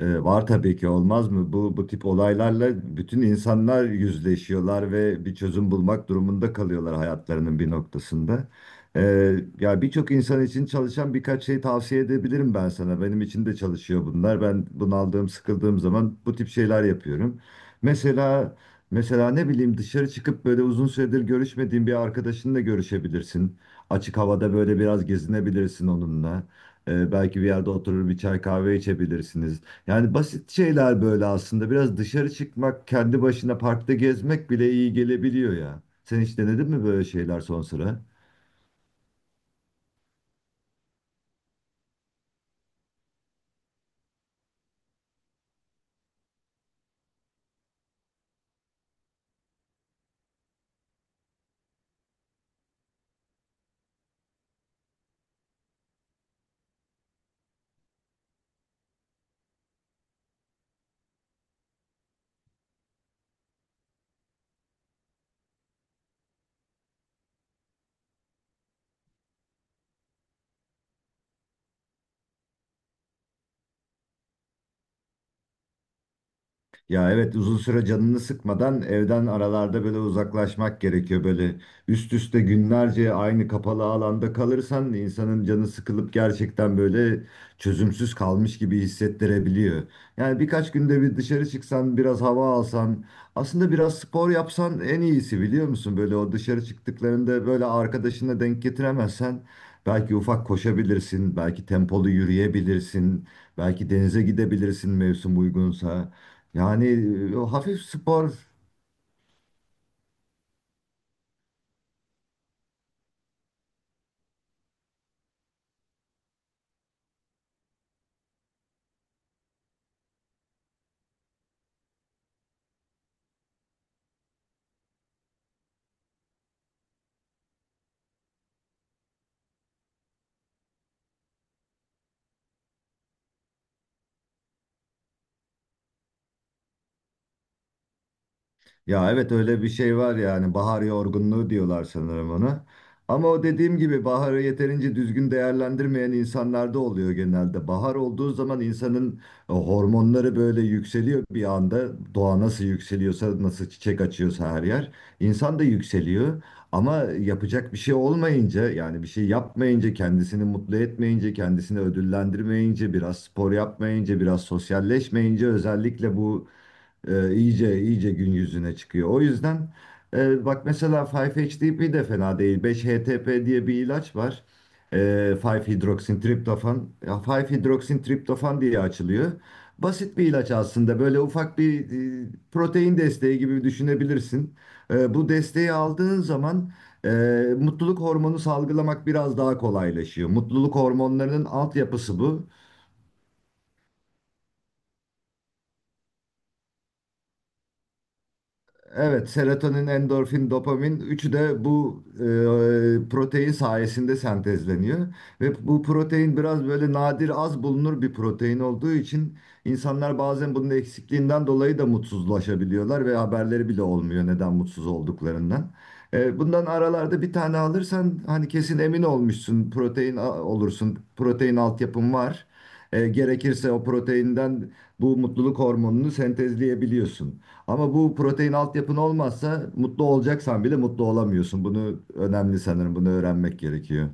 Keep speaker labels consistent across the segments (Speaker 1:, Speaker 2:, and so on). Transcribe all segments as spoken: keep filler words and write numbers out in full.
Speaker 1: Ee, var tabii ki olmaz mı? Bu bu tip olaylarla bütün insanlar yüzleşiyorlar ve bir çözüm bulmak durumunda kalıyorlar hayatlarının bir noktasında. Ee, ya birçok insan için çalışan birkaç şey tavsiye edebilirim ben sana. Benim için de çalışıyor bunlar. Ben bunaldığım, sıkıldığım zaman bu tip şeyler yapıyorum. Mesela mesela ne bileyim dışarı çıkıp böyle uzun süredir görüşmediğin bir arkadaşınla görüşebilirsin. Açık havada böyle biraz gezinebilirsin onunla. Ee, belki bir yerde oturur bir çay kahve içebilirsiniz. Yani basit şeyler böyle aslında. Biraz dışarı çıkmak, kendi başına parkta gezmek bile iyi gelebiliyor ya. Sen hiç denedin mi böyle şeyler son sıra? Ya evet, uzun süre canını sıkmadan evden aralarda böyle uzaklaşmak gerekiyor. Böyle üst üste günlerce aynı kapalı alanda kalırsan insanın canı sıkılıp gerçekten böyle çözümsüz kalmış gibi hissettirebiliyor. Yani birkaç günde bir dışarı çıksan, biraz hava alsan, aslında biraz spor yapsan en iyisi biliyor musun? Böyle o dışarı çıktıklarında böyle arkadaşına denk getiremezsen belki ufak koşabilirsin, belki tempolu yürüyebilirsin, belki denize gidebilirsin mevsim uygunsa. Yani e, o hafif spor, ya evet öyle bir şey var, yani bahar yorgunluğu diyorlar sanırım ona. Ama o dediğim gibi baharı yeterince düzgün değerlendirmeyen insanlarda oluyor genelde. Bahar olduğu zaman insanın e, hormonları böyle yükseliyor bir anda. Doğa nasıl yükseliyorsa, nasıl çiçek açıyorsa her yer. İnsan da yükseliyor. Ama yapacak bir şey olmayınca yani bir şey yapmayınca, kendisini mutlu etmeyince, kendisini ödüllendirmeyince, biraz spor yapmayınca, biraz sosyalleşmeyince özellikle bu E, iyice iyice gün yüzüne çıkıyor. O yüzden e, bak mesela beş H T P de fena değil. beş H T P diye bir ilaç var. E, beş hidroksintriptofan. Ya beş hidroksintriptofan diye açılıyor. Basit bir ilaç aslında. Böyle ufak bir e, protein desteği gibi düşünebilirsin. E, bu desteği aldığın zaman e, mutluluk hormonu salgılamak biraz daha kolaylaşıyor. Mutluluk hormonlarının altyapısı bu. Evet, serotonin, endorfin, dopamin üçü de bu e, protein sayesinde sentezleniyor. Ve bu protein biraz böyle nadir az bulunur bir protein olduğu için insanlar bazen bunun eksikliğinden dolayı da mutsuzlaşabiliyorlar ve haberleri bile olmuyor neden mutsuz olduklarından. E, bundan aralarda bir tane alırsan hani kesin emin olmuşsun protein a- olursun, protein altyapın var. E, gerekirse o proteinden bu mutluluk hormonunu sentezleyebiliyorsun. Ama bu protein altyapın olmazsa mutlu olacaksan bile mutlu olamıyorsun. Bunu önemli sanırım. Bunu öğrenmek gerekiyor.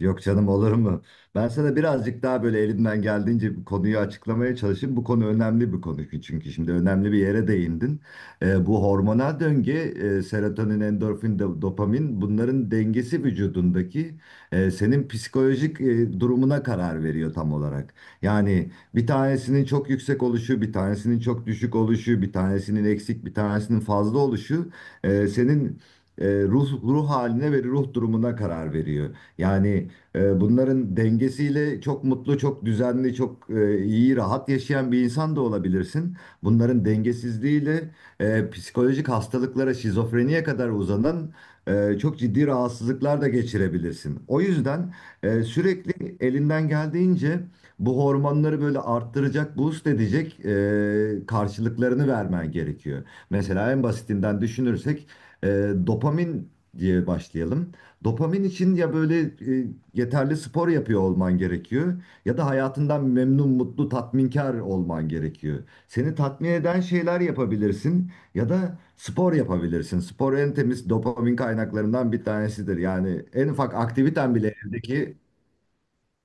Speaker 1: Yok canım, olur mu? Ben sana birazcık daha böyle elimden geldiğince bu konuyu açıklamaya çalışayım. Bu konu önemli bir konu ki, çünkü şimdi önemli bir yere değindin. Ee, bu hormonal döngü, e, serotonin, endorfin, do- dopamin bunların dengesi vücudundaki e, senin psikolojik e, durumuna karar veriyor tam olarak. Yani bir tanesinin çok yüksek oluşu, bir tanesinin çok düşük oluşu, bir tanesinin eksik, bir tanesinin fazla oluşu e, senin e, ruh ruh haline ve ruh durumuna karar veriyor. Yani ee, bunların dengesiyle çok mutlu, çok düzenli, çok e, iyi, rahat yaşayan bir insan da olabilirsin. Bunların dengesizliğiyle e, psikolojik hastalıklara, şizofreniye kadar uzanan e, çok ciddi rahatsızlıklar da geçirebilirsin. O yüzden e, sürekli elinden geldiğince bu hormonları böyle arttıracak, boost edecek e, karşılıklarını vermen gerekiyor. Mesela en basitinden düşünürsek e, dopamin diye başlayalım. Dopamin için ya böyle e, yeterli spor yapıyor olman gerekiyor ya da hayatından memnun, mutlu, tatminkar olman gerekiyor. Seni tatmin eden şeyler yapabilirsin ya da spor yapabilirsin. Spor en temiz dopamin kaynaklarından bir tanesidir. Yani en ufak aktiviten bile evdeki...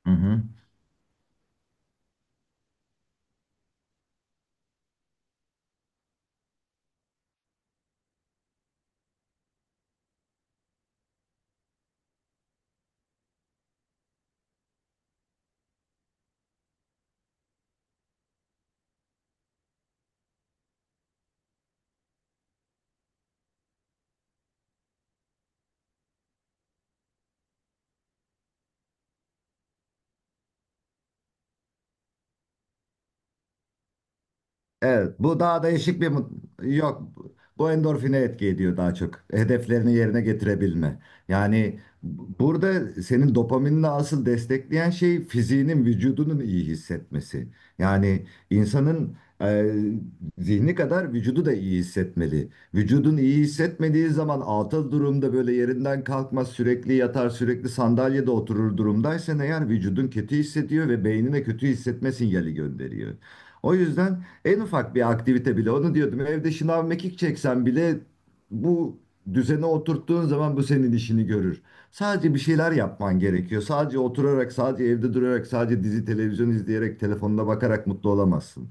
Speaker 1: Hı hı. Evet, bu daha değişik bir mut- yok. Bu endorfine etki ediyor daha çok. Hedeflerini yerine getirebilme. Yani bu- burada senin dopaminle asıl destekleyen şey fiziğinin, vücudunun iyi hissetmesi. Yani insanın e, zihni kadar vücudu da iyi hissetmeli. Vücudun iyi hissetmediği zaman atıl durumda böyle yerinden kalkmaz, sürekli yatar, sürekli sandalyede oturur durumdaysan eğer vücudun kötü hissediyor ve beynine kötü hissetme sinyali gönderiyor. O yüzden en ufak bir aktivite bile onu diyordum. Evde şınav mekik çeksen bile bu düzene oturttuğun zaman bu senin işini görür. Sadece bir şeyler yapman gerekiyor. Sadece oturarak, sadece evde durarak, sadece dizi televizyon izleyerek, telefonuna bakarak mutlu olamazsın.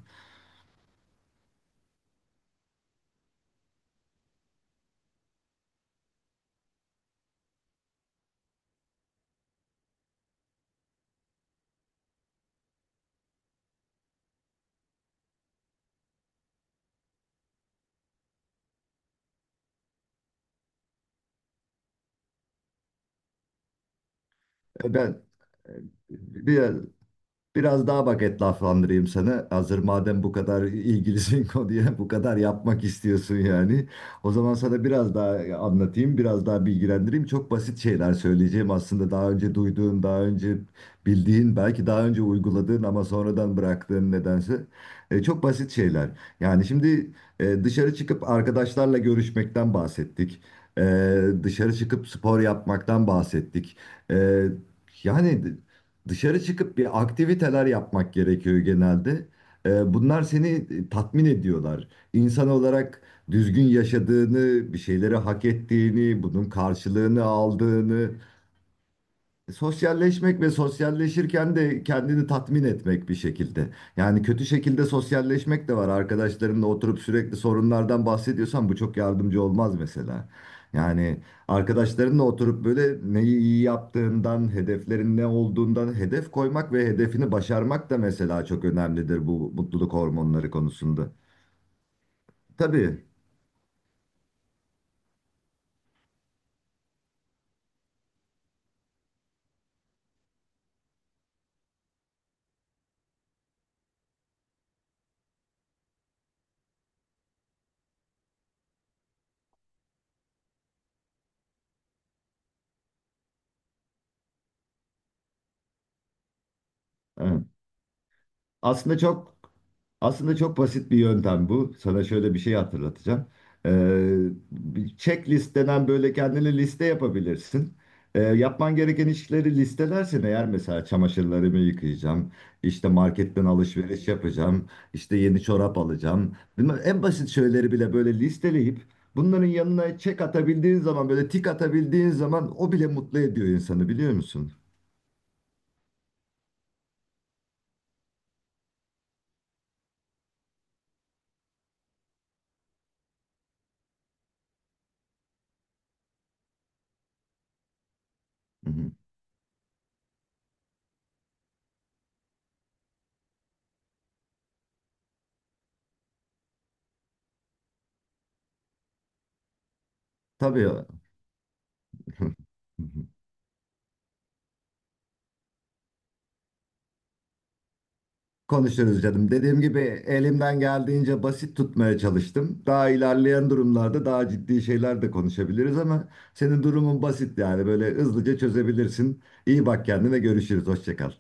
Speaker 1: E, Ben e, biraz biraz daha bak etlaflandırayım sana. Hazır madem bu kadar ilgilisin konuya, bu kadar yapmak istiyorsun yani. O zaman sana biraz daha anlatayım, biraz daha bilgilendireyim. Çok basit şeyler söyleyeceğim aslında. Daha önce duyduğun, daha önce bildiğin, belki daha önce uyguladığın ama sonradan bıraktığın nedense. E, çok basit şeyler. Yani şimdi e, dışarı çıkıp arkadaşlarla görüşmekten bahsettik. E, Dışarı çıkıp spor yapmaktan bahsettik. E, yani... Dışarı çıkıp bir aktiviteler yapmak gerekiyor genelde. Ee, bunlar seni e, tatmin ediyorlar. İnsan olarak düzgün yaşadığını, bir şeyleri hak ettiğini, bunun karşılığını aldığını, sosyalleşmek ve sosyalleşirken de kendini tatmin etmek bir şekilde. Yani kötü şekilde sosyalleşmek de var. Arkadaşlarınla oturup sürekli sorunlardan bahsediyorsan bu çok yardımcı olmaz mesela. Yani arkadaşlarınla oturup böyle neyi iyi yaptığından, hedeflerin ne olduğundan hedef koymak ve hedefini başarmak da mesela çok önemlidir bu mutluluk hormonları konusunda. Tabii. Evet. Aslında çok Aslında çok basit bir yöntem bu. Sana şöyle bir şey hatırlatacağım. Ee, Bir checklist denen böyle kendine liste yapabilirsin. Ee, yapman gereken işleri listelersin eğer, mesela çamaşırlarımı yıkayacağım, işte marketten alışveriş yapacağım, işte yeni çorap alacağım. Bunlar en basit şeyleri bile böyle listeleyip bunların yanına check atabildiğin zaman, böyle tik atabildiğin zaman o bile mutlu ediyor insanı biliyor musun? Hı hı. Tabii. Konuşuruz canım. Dediğim gibi elimden geldiğince basit tutmaya çalıştım. Daha ilerleyen durumlarda daha ciddi şeyler de konuşabiliriz ama senin durumun basit yani böyle hızlıca çözebilirsin. İyi bak kendine, görüşürüz. Hoşça kal.